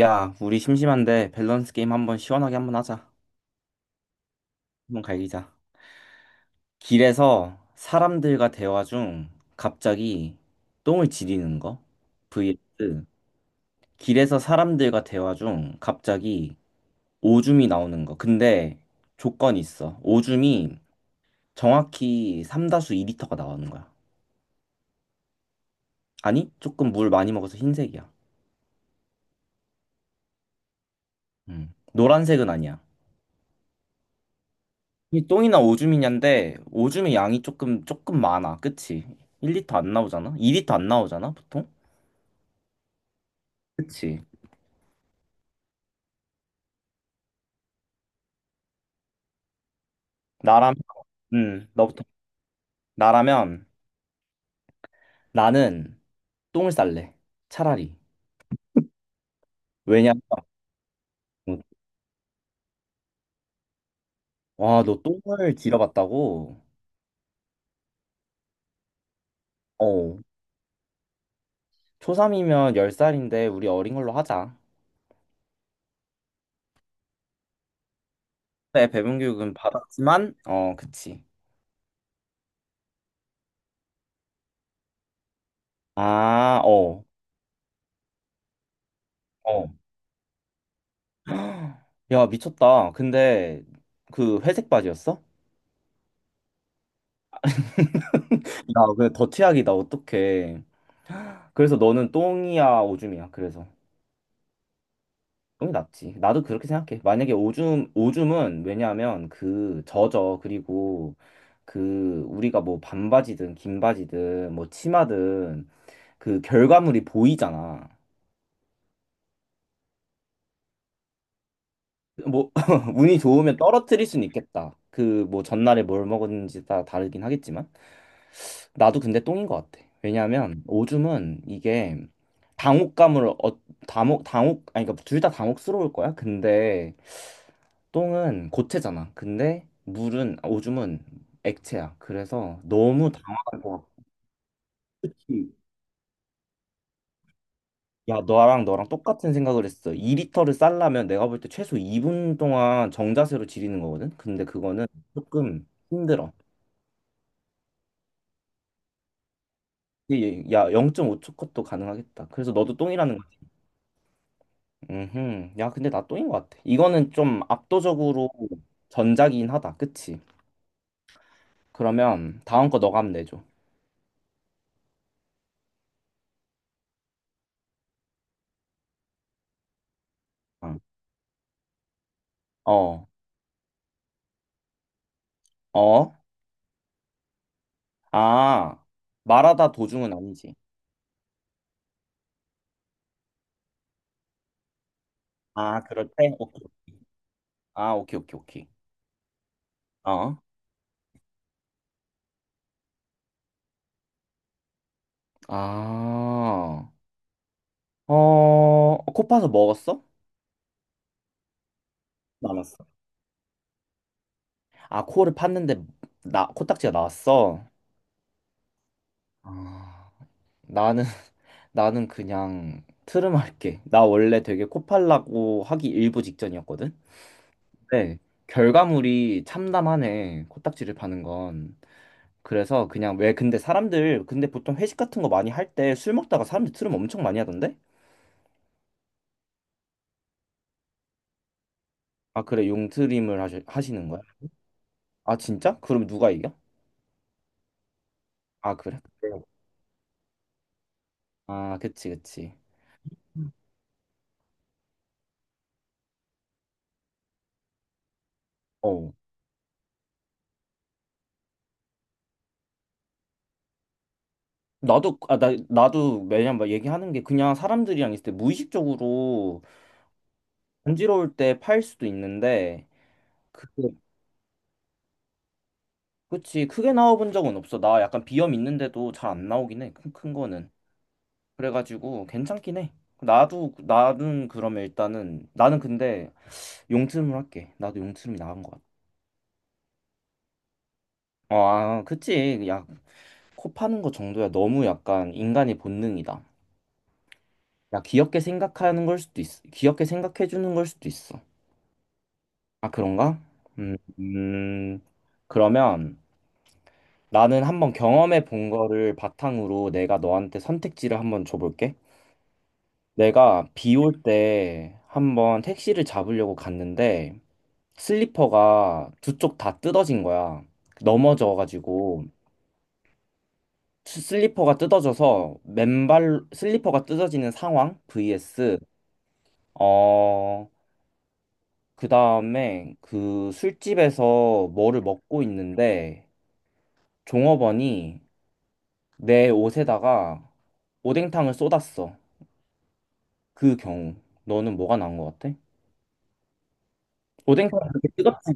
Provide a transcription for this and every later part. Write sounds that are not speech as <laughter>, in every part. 야, 우리 심심한데 밸런스 게임 한번 시원하게 한번 하자. 한번 갈기자. 길에서 사람들과 대화 중 갑자기 똥을 지리는 거 vs 길에서 사람들과 대화 중 갑자기 오줌이 나오는 거. 근데 조건이 있어. 오줌이 정확히 삼다수 2리터가 나오는 거야. 아니, 조금 물 많이 먹어서 흰색이야. 음. 노란색은 아니야. 이 똥이나 오줌이냐인데 오줌의 양이 조금 많아. 그치? 1리터 안 나오잖아? 2리터 안 나오잖아, 보통? 그치? 나라면 너부터. 나라면 나는 똥을 쌀래. 차라리. 왜냐면 와, 너 똥을 길어봤다고? 어. 초3이면 10살인데 우리 어린 걸로 하자. 네, 배분 교육은 받았지만 그치. 아, 어. 어. 야, 미쳤다. 근데 그 회색 바지였어? 야, 그 더티하기다 어떡해. 그래서 너는 똥이야, 오줌이야. 그래서 똥이 낫지. 나도 그렇게 생각해. 만약에 오줌은 왜냐하면 그 젖어. 그리고 그 우리가 뭐 반바지든 긴 바지든 뭐 치마든 그 결과물이 보이잖아. 뭐 <laughs> 운이 좋으면 떨어뜨릴 수는 있겠다. 그 뭐 전날에 뭘 먹었는지 다 다르긴 하겠지만 나도 근데 똥인 것 같아. 왜냐하면 오줌은 이게 당혹감을 어, 당혹 당혹 아니 그러니까 둘 다 당혹스러울 거야. 근데 똥은 고체잖아. 근데 오줌은 액체야. 그래서 너무 당황한 거야. 그치. 야, 너랑 똑같은 생각을 했어. 2리터를 쌀려면 내가 볼 때 최소 2분 동안 정자세로 지리는 거거든. 근데 그거는 조금 힘들어. 이 야, 0.5초 컷도 가능하겠다. 그래서 너도 똥이라는 거지. 야, 근데 나 똥인 것 같아. 이거는 좀 압도적으로 전작이긴 하다. 그치? 그러면 다음 거 너가 한번 내줘. 어, 어, 어? 아, 말하다 도중은 아니지. 아, 그럴 때? 오케이. 아, 오케이, 오케이, 오케이. 어? 아, 어, 코 파서 먹었어? 남았어. 아, 코를 팠는데, 코딱지가 나왔어? 아, 나는, <laughs> 나는 그냥 트름할게. 나 원래 되게 코 팔라고 하기 일부 직전이었거든? 네. 결과물이 참담하네. 코딱지를 파는 건. 그래서 그냥 왜 근데 사람들 근데 보통 회식 같은 거 많이 할 때 술 먹다가 사람들 트름 엄청 많이 하던데? 아, 그래. 용트림을 하시는 거야? 아, 진짜? 그럼 누가 이겨? 아, 그래? 네. 아, 그치, 그치. 어. 나도 매년 막 얘기하는 게 그냥 사람들이랑 있을 때 무의식적으로 간지러울 때 팔 수도 있는데, 그, 그치. 크게 나와본 적은 없어. 나 약간 비염 있는데도 잘 안 나오긴 해. 큰 거는. 그래가지고 괜찮긴 해. 나는 그러면 일단은, 나는 근데 용트림을 할게. 나도 용트림이 나은 것 같아. 어, 아, 그치. 야, 코 파는 거 정도야 너무 약간 인간의 본능이다. 야, 귀엽게 생각하는 걸 수도 있어. 귀엽게 생각해 주는 걸 수도 있어. 아, 그런가? 음, 음, 그러면 나는 한번 경험해 본 거를 바탕으로 내가 너한테 선택지를 한번 줘볼게. 내가 비 올 때 한번 택시를 잡으려고 갔는데 슬리퍼가 두 쪽 다 뜯어진 거야. 넘어져가지고 슬리퍼가 뜯어져서 맨발 슬리퍼가 뜯어지는 상황 vs 어, 그 다음에 그 술집에서 뭐를 먹고 있는데 종업원이 내 옷에다가 오뎅탕을 쏟았어. 그 경우. 너는 뭐가 나은 것 같아? 오뎅탕 그렇게 뜨겁지?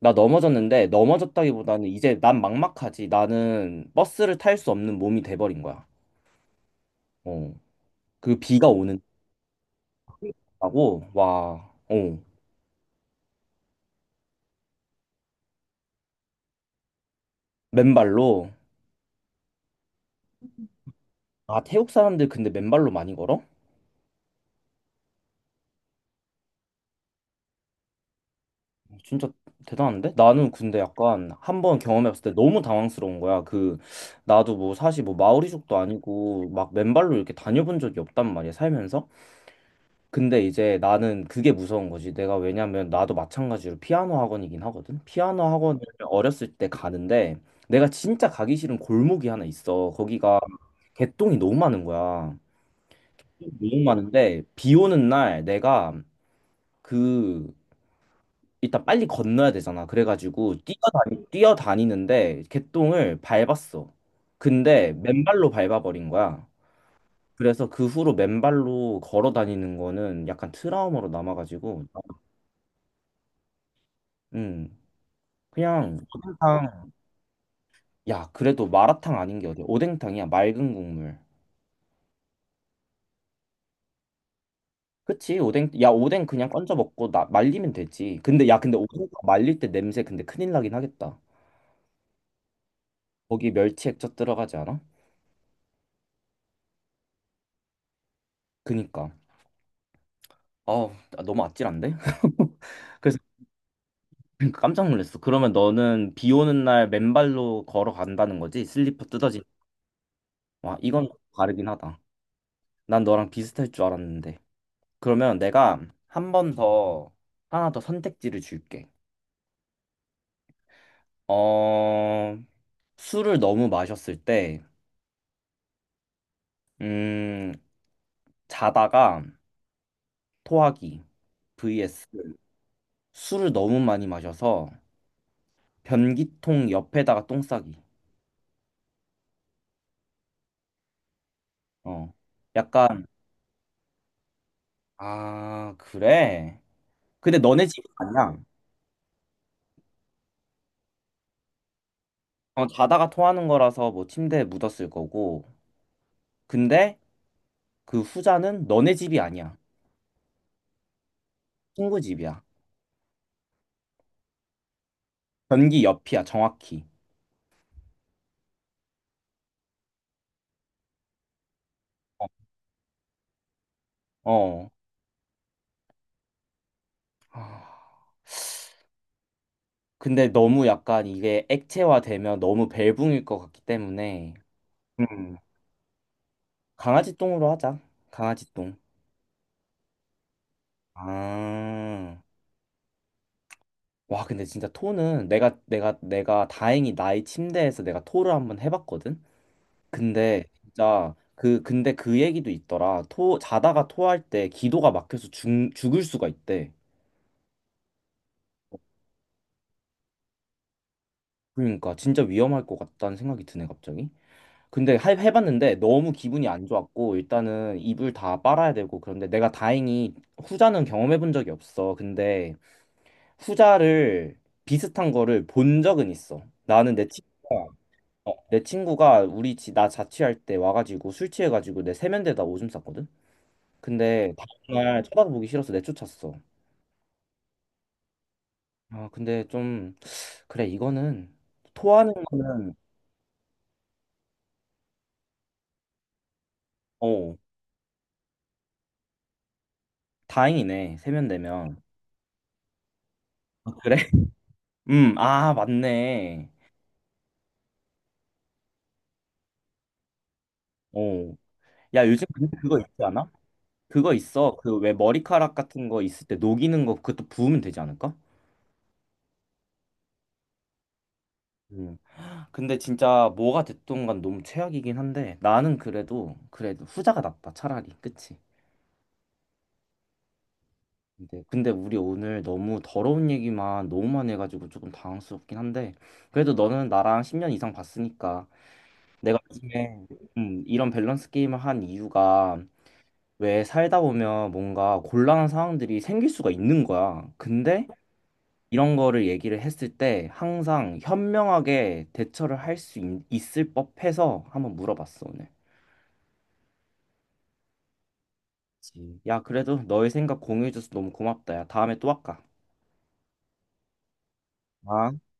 나 넘어졌는데 넘어졌다기보다는 이제 난 막막하지. 나는 버스를 탈 수 없는 몸이 돼버린 거야. 어. 그 비가 오는 다고 와. 어. 맨발로. 아, 태국 사람들 근데 맨발로 많이 걸어? 어, 진짜 대단한데? 나는 근데 약간 한번 경험해봤을 때 너무 당황스러운 거야. 그 나도 뭐 사실 뭐 마오리족도 아니고 막 맨발로 이렇게 다녀본 적이 없단 말이야 살면서. 근데 이제 나는 그게 무서운 거지. 내가 왜냐면 나도 마찬가지로 피아노 학원이긴 하거든. 피아노 학원을 어렸을 때 가는데 내가 진짜 가기 싫은 골목이 하나 있어. 거기가 개똥이 너무 많은 거야. 너무 많은데 비 오는 날 내가 그 일단 빨리 건너야 되잖아. 그래가지고 뛰어다니는데 개똥을 밟았어. 근데 맨발로 밟아버린 거야. 그래서 그 후로 맨발로 걸어 다니는 거는 약간 트라우마로 남아가지고, 음, 그냥 오뎅탕, 야, 그래도 마라탕 아닌 게 어디야? 오뎅탕이야, 맑은 국물. 그치, 오뎅, 야, 오뎅 그냥 건져 먹고 나, 말리면 되지. 근데, 야, 근데 오뎅 말릴 때 냄새 근데 큰일 나긴 하겠다. 거기 멸치 액젓 들어가지 않아? 그니까. 어, 아, 너무 아찔한데? <laughs> 그래서 깜짝 놀랐어. 그러면 너는 비 오는 날 맨발로 걸어간다는 거지? 슬리퍼 뜯어진. 와, 이건 다르긴 하다. 난 너랑 비슷할 줄 알았는데. 그러면 내가 한 번 더, 하나 더 선택지를 줄게. 어, 술을 너무 마셨을 때, 음, 자다가 토하기 vs 술을 너무 많이 마셔서 변기통 옆에다가 똥 싸기. 어. 약간 아, 그래? 근데 너네 집이 아니야. 어, 자다가 토하는 거라서 뭐 침대에 묻었을 거고. 근데 그 후자는 너네 집이 아니야. 친구 집이야. 변기 옆이야, 정확히. 어. 어. 아, 근데 너무 약간 이게 액체화되면 너무 벨붕일 것 같기 때문에. 음. 강아지 똥으로 하자. 강아지 똥. 아. 와, 근데 진짜 토는 내가 다행히 나의 침대에서 내가 토를 한번 해봤거든. 근데 진짜 그 근데 그 얘기도 있더라. 토 자다가 토할 때 기도가 막혀서 죽을 수가 있대. 그러니까 진짜 위험할 것 같다는 생각이 드네 갑자기. 근데 해봤는데 너무 기분이 안 좋았고 일단은 이불 다 빨아야 되고 그런데 내가 다행히 후자는 경험해 본 적이 없어. 근데 후자를 비슷한 거를 본 적은 있어. 나는 내 친구가 어, 내 친구가 우리 집 나 자취할 때 와가지고 술 취해가지고 내 세면대에다 오줌 쌌거든. 근데 다음 날 쳐다보기 싫어서 내쫓았어. 아, 근데 좀 그래 이거는 토하는 거는 어 다행이네 세면되면 아, 그래? <laughs> 아 맞네. 어, 야 요즘 근데 그거 있지 않아? 그거 있어. 그 왜 머리카락 같은 거 있을 때 녹이는 거 그것도 부으면 되지 않을까? 음. 근데 진짜 뭐가 됐든 간 너무 최악이긴 한데 나는 그래도 후자가 낫다 차라리 그치? 근데 우리 오늘 너무 더러운 얘기만 너무만 해가지고 조금 당황스럽긴 한데 그래도 너는 나랑 10년 이상 봤으니까 내가 요즘에 이런 밸런스 게임을 한 이유가 왜 살다 보면 뭔가 곤란한 상황들이 생길 수가 있는 거야. 근데 이런 거를 얘기를 했을 때 항상 현명하게 대처를 할 수 있을 법해서 한번 물어봤어 오늘. 그치. 야, 그래도 너의 생각 공유해줘서 너무 고맙다. 야, 다음에 또 할까? 아.